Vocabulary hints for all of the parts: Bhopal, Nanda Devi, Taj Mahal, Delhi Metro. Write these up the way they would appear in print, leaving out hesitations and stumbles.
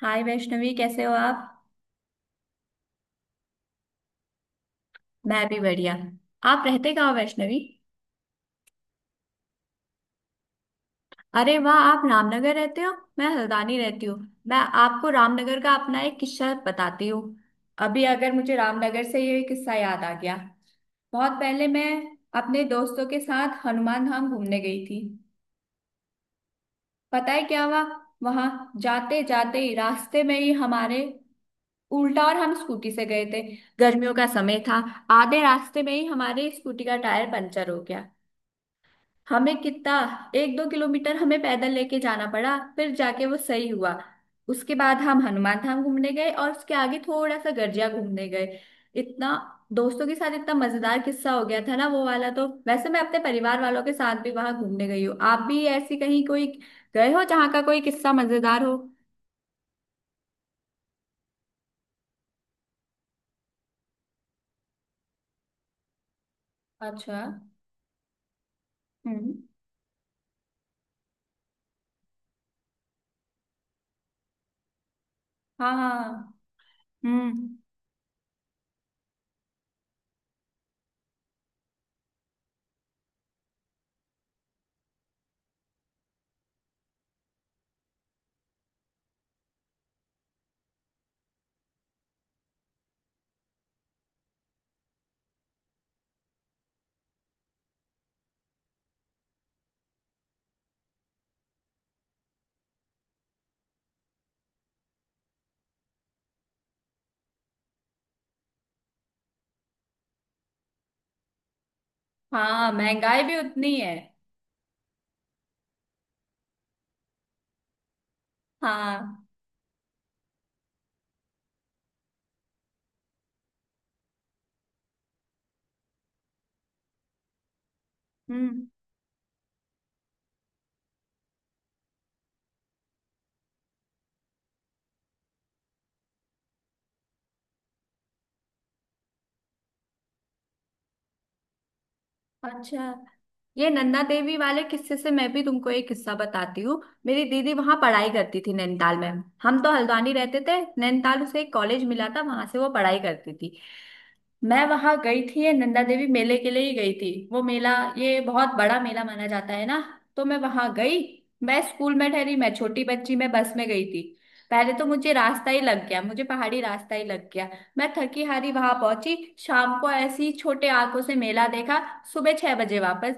हाय वैष्णवी, कैसे हो आप। मैं भी बढ़िया। आप रहते कहाँ हो वैष्णवी। अरे वाह, आप रामनगर रहते हो। मैं हल्द्वानी रहती हूँ। मैं आपको रामनगर का अपना एक किस्सा बताती हूँ। अभी अगर मुझे रामनगर से ये किस्सा याद आ गया। बहुत पहले मैं अपने दोस्तों के साथ हनुमान धाम घूमने गई थी। पता है क्या हुआ। वहां जाते जाते ही रास्ते में ही हमारे उल्टा, और हम स्कूटी से गए थे। गर्मियों का समय था। आधे रास्ते में ही हमारे स्कूटी का टायर पंचर हो गया। हमें कितना एक दो किलोमीटर हमें पैदल लेके जाना पड़ा, फिर जाके वो सही हुआ। उसके बाद हम हनुमान धाम घूमने गए और उसके आगे थोड़ा सा गर्जिया घूमने गए। इतना दोस्तों के साथ इतना मजेदार किस्सा हो गया था ना वो वाला। तो वैसे मैं अपने परिवार वालों के साथ भी वहां घूमने गई हूँ। आप भी ऐसी कहीं कोई गए हो जहाँ का कोई किस्सा मजेदार हो। अच्छा। हम्म। हाँ हाँ। हम्म। हाँ, महंगाई भी उतनी है। हाँ। हम्म। अच्छा, ये नन्दा देवी वाले किस्से से मैं भी तुमको एक किस्सा बताती हूँ। मेरी दीदी वहां पढ़ाई करती थी नैनीताल में। हम तो हल्द्वानी रहते थे, नैनीताल उसे एक कॉलेज मिला था, वहां से वो पढ़ाई करती थी। मैं वहां गई थी, ये नंदा देवी मेले के लिए ही गई थी वो मेला। ये बहुत बड़ा मेला माना जाता है ना। तो मैं वहां गई। मैं स्कूल में ठहरी, मैं छोटी बच्ची, मैं बस में गई थी। पहले तो मुझे रास्ता ही लग गया, मुझे पहाड़ी रास्ता ही लग गया। मैं थकी हारी वहां पहुंची। शाम को ऐसी छोटे आंखों से मेला देखा, सुबह 6 बजे वापस।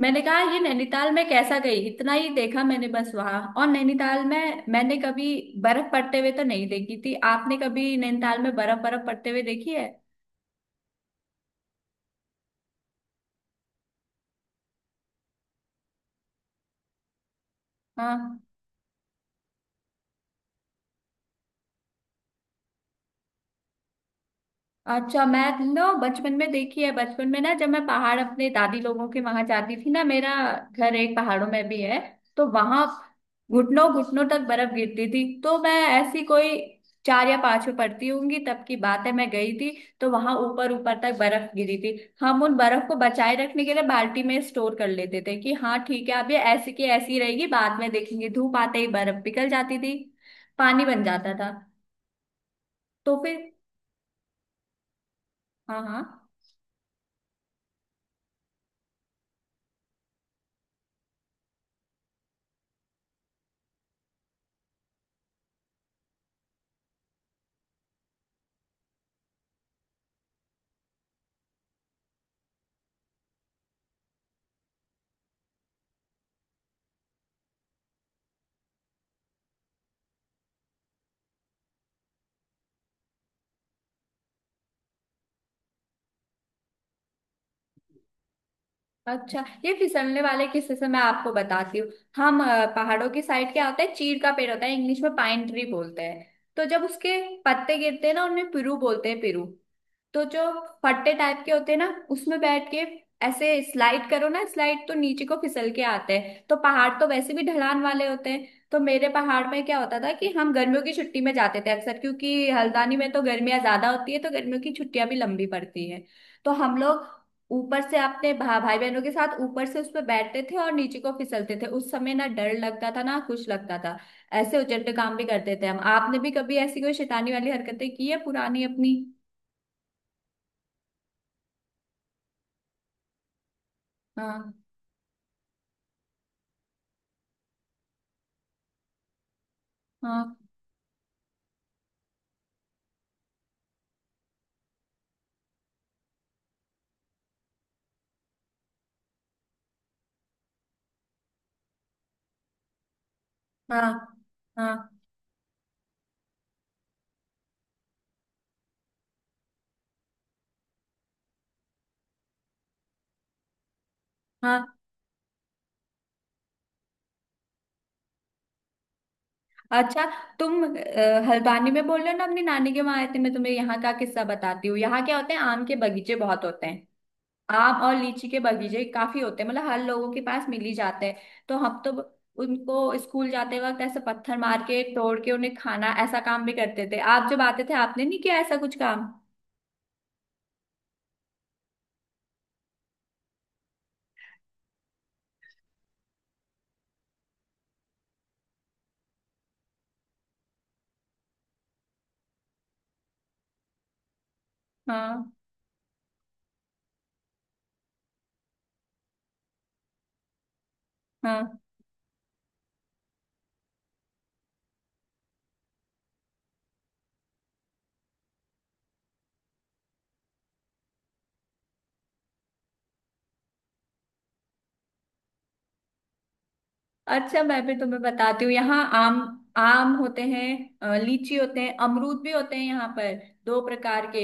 मैंने कहा ये नैनीताल में कैसा गई, इतना ही देखा मैंने बस वहां। और नैनीताल में मैंने कभी बर्फ पड़ते हुए तो नहीं देखी थी। आपने कभी नैनीताल में बर्फ बर्फ पड़ते हुए देखी है। हाँ। अच्छा, मैं ना बचपन में देखी है। बचपन में ना जब मैं पहाड़ अपने दादी लोगों के वहां जाती थी ना, मेरा घर एक पहाड़ों में भी है। तो वहां घुटनों घुटनों तक बर्फ गिरती थी। तो मैं ऐसी कोई 4 या 5 में पढ़ती होंगी तब की बात है, मैं गई थी। तो वहां ऊपर ऊपर तक बर्फ गिरी थी। हम उन बर्फ को बचाए रखने के लिए बाल्टी में स्टोर कर लेते थे कि हाँ ठीक है, अब ये ऐसी की ऐसी रहेगी, बाद में देखेंगे। धूप आते ही बर्फ पिघल जाती थी, पानी बन जाता था। तो फिर। हाँ हाँ। अच्छा, ये फिसलने वाले किस्से से मैं आपको बताती हूँ। हम पहाड़ों की साइड क्या होता है, चीड़ का पेड़ होता है, इंग्लिश में पाइन ट्री बोलते हैं। तो जब उसके पत्ते गिरते हैं ना, उनमें पिरू बोलते हैं, पिरू। तो जो फट्टे टाइप के होते हैं ना, उसमें बैठ के ऐसे स्लाइड करो ना, स्लाइड तो नीचे को फिसल के आते हैं। तो पहाड़ तो वैसे भी ढलान वाले होते हैं। तो मेरे पहाड़ में क्या होता था कि हम गर्मियों की छुट्टी में जाते थे अक्सर, क्योंकि हल्द्वानी में तो गर्मियां ज्यादा होती है तो गर्मियों की छुट्टियां भी लंबी पड़ती हैं। तो हम लोग ऊपर से अपने भाई बहनों के साथ ऊपर से उस पर बैठते थे और नीचे को फिसलते थे। उस समय ना डर लगता था ना कुछ लगता था। ऐसे उचट काम भी करते थे हम। आपने भी कभी ऐसी कोई शैतानी वाली हरकतें की है पुरानी अपनी। हाँ हाँ हाँ हाँ हाँ। अच्छा, तुम हल्द्वानी में बोल रहे हो ना अपनी नानी के वहां आए थे। मैं तुम्हें यहाँ का किस्सा बताती हूँ। यहाँ क्या होते हैं, आम के बगीचे बहुत होते हैं। आम और लीची के बगीचे काफी होते हैं, मतलब हर लोगों के पास मिल ही जाते हैं। तो हम तो उनको स्कूल जाते वक्त ऐसे पत्थर मार के तोड़ के उन्हें खाना, ऐसा काम भी करते थे। आप जब आते थे आपने नहीं किया ऐसा कुछ काम। हाँ हाँ। अच्छा, मैं भी तुम्हें बताती हूँ, यहाँ आम आम होते हैं, लीची होते हैं, अमरूद भी होते हैं यहाँ पर, दो प्रकार के,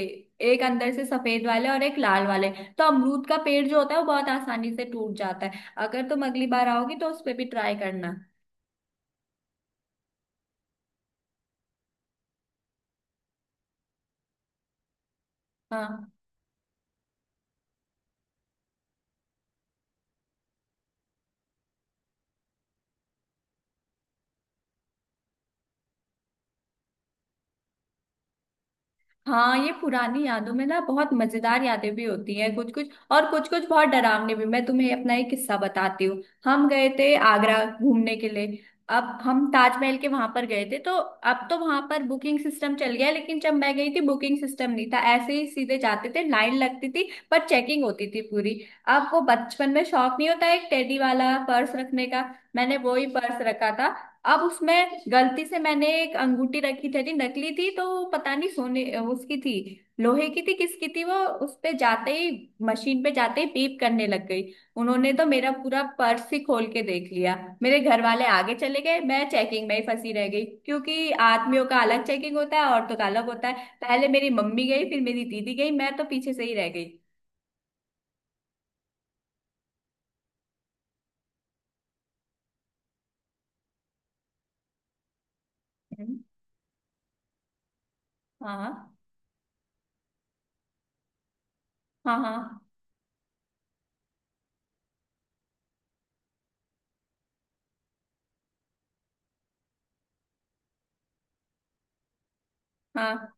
एक अंदर से सफेद वाले और एक लाल वाले। तो अमरूद का पेड़ जो होता है वो बहुत आसानी से टूट जाता है, अगर तुम अगली बार आओगी तो उस पे भी ट्राई करना। हाँ हाँ, ये पुरानी यादों में ना बहुत मजेदार यादें भी होती हैं, कुछ कुछ, और कुछ कुछ बहुत डरावनी भी। मैं तुम्हें अपना एक किस्सा बताती हूँ, हम गए थे आगरा घूमने के लिए। अब हम ताजमहल के वहां पर गए थे, तो अब तो वहां पर बुकिंग सिस्टम चल गया है, लेकिन जब मैं गई थी बुकिंग सिस्टम नहीं था, ऐसे ही सीधे जाते थे, लाइन लगती थी पर चेकिंग होती थी पूरी। अब वो बचपन में शौक नहीं होता एक टेडी वाला पर्स रखने का। मैंने वो ही पर्स रखा था। अब उसमें गलती से मैंने एक अंगूठी रखी थी जी, नकली थी तो वो पता नहीं सोने उसकी थी, लोहे की थी, किसकी थी वो। उस पे जाते ही, मशीन पे जाते ही पीप करने लग गई। उन्होंने तो मेरा पूरा पर्स ही खोल के देख लिया। मेरे घर वाले आगे चले गए, मैं चेकिंग में ही फंसी रह गई, क्योंकि आदमियों का अलग चेकिंग होता है, औरतों का अलग होता है। पहले मेरी मम्मी गई, फिर मेरी दीदी गई, मैं तो पीछे से ही रह गई। हम्म, हाँ हाँ हाँ हाँ।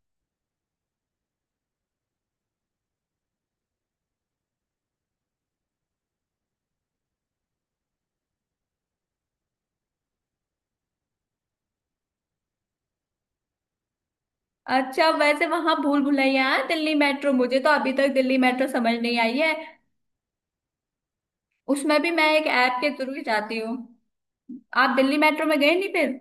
अच्छा, वैसे वहां भूल भुलैया है दिल्ली मेट्रो, मुझे तो अभी तक दिल्ली मेट्रो समझ नहीं आई है, उसमें भी मैं एक ऐप के थ्रू ही जाती हूँ। आप दिल्ली मेट्रो में गए नहीं फिर।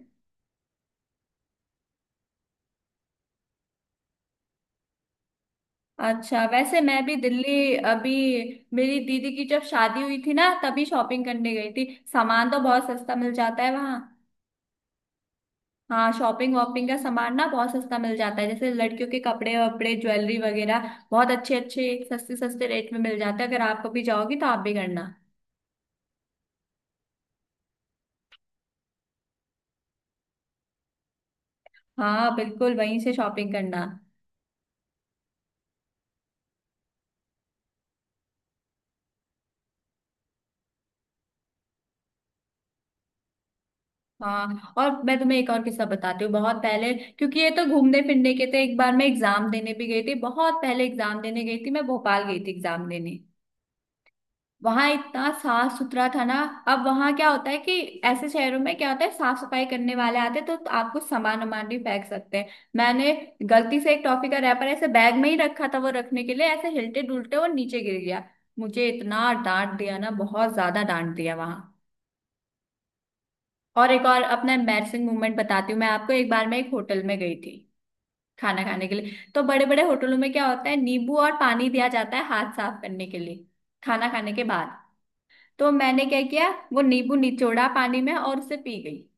अच्छा, वैसे मैं भी दिल्ली अभी मेरी दीदी की जब शादी हुई थी ना तभी शॉपिंग करने गई थी। सामान तो बहुत सस्ता मिल जाता है वहाँ। हाँ, शॉपिंग वॉपिंग का सामान ना बहुत सस्ता मिल जाता है, जैसे लड़कियों के कपड़े वपड़े, ज्वेलरी वगैरह बहुत अच्छे अच्छे सस्ते सस्ते रेट में मिल जाते हैं, अगर आप कभी जाओगी तो आप भी करना। हाँ बिल्कुल, वहीं से शॉपिंग करना। हाँ, और मैं तुम्हें एक और किस्सा बताती हूँ, बहुत पहले, क्योंकि ये तो घूमने फिरने के थे, एक बार मैं एग्जाम देने भी गई थी। बहुत पहले एग्जाम देने गई थी, मैं भोपाल गई थी एग्जाम देने। वहां इतना साफ सुथरा था ना। अब वहां क्या होता है कि ऐसे शहरों में क्या होता है, साफ सफाई करने वाले आते हैं तो आपको सामान वामान भी फेंक सकते हैं। मैंने गलती से एक टॉफी का रैपर ऐसे बैग में ही रखा था, वो रखने के लिए ऐसे हिलते डुलते वो नीचे गिर गया। मुझे इतना डांट दिया ना, बहुत ज्यादा डांट दिया वहां। और एक और अपना एम्बैरसिंग मोमेंट बताती हूँ मैं आपको, एक बार मैं एक होटल में गई थी खाना खाने के लिए। तो बड़े बड़े होटलों में क्या होता है, नींबू और पानी दिया जाता है हाथ साफ करने के लिए खाना खाने के बाद। तो मैंने क्या किया, वो नींबू निचोड़ा पानी में और उसे पी गई।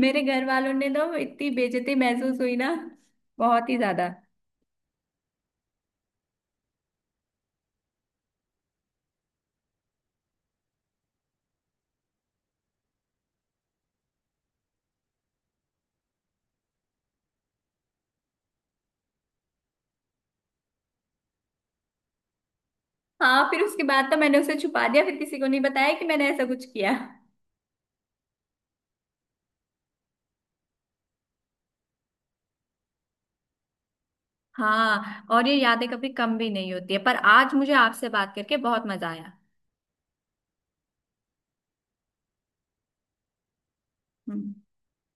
मेरे घर वालों ने तो इतनी बेइज्जती महसूस हुई ना, बहुत ही ज्यादा। हाँ फिर उसके बाद तो मैंने उसे छुपा दिया, फिर किसी को नहीं बताया कि मैंने ऐसा कुछ किया। हाँ, और ये यादें कभी कम भी नहीं होती है, पर आज मुझे आपसे बात करके बहुत मजा आया। हम्म।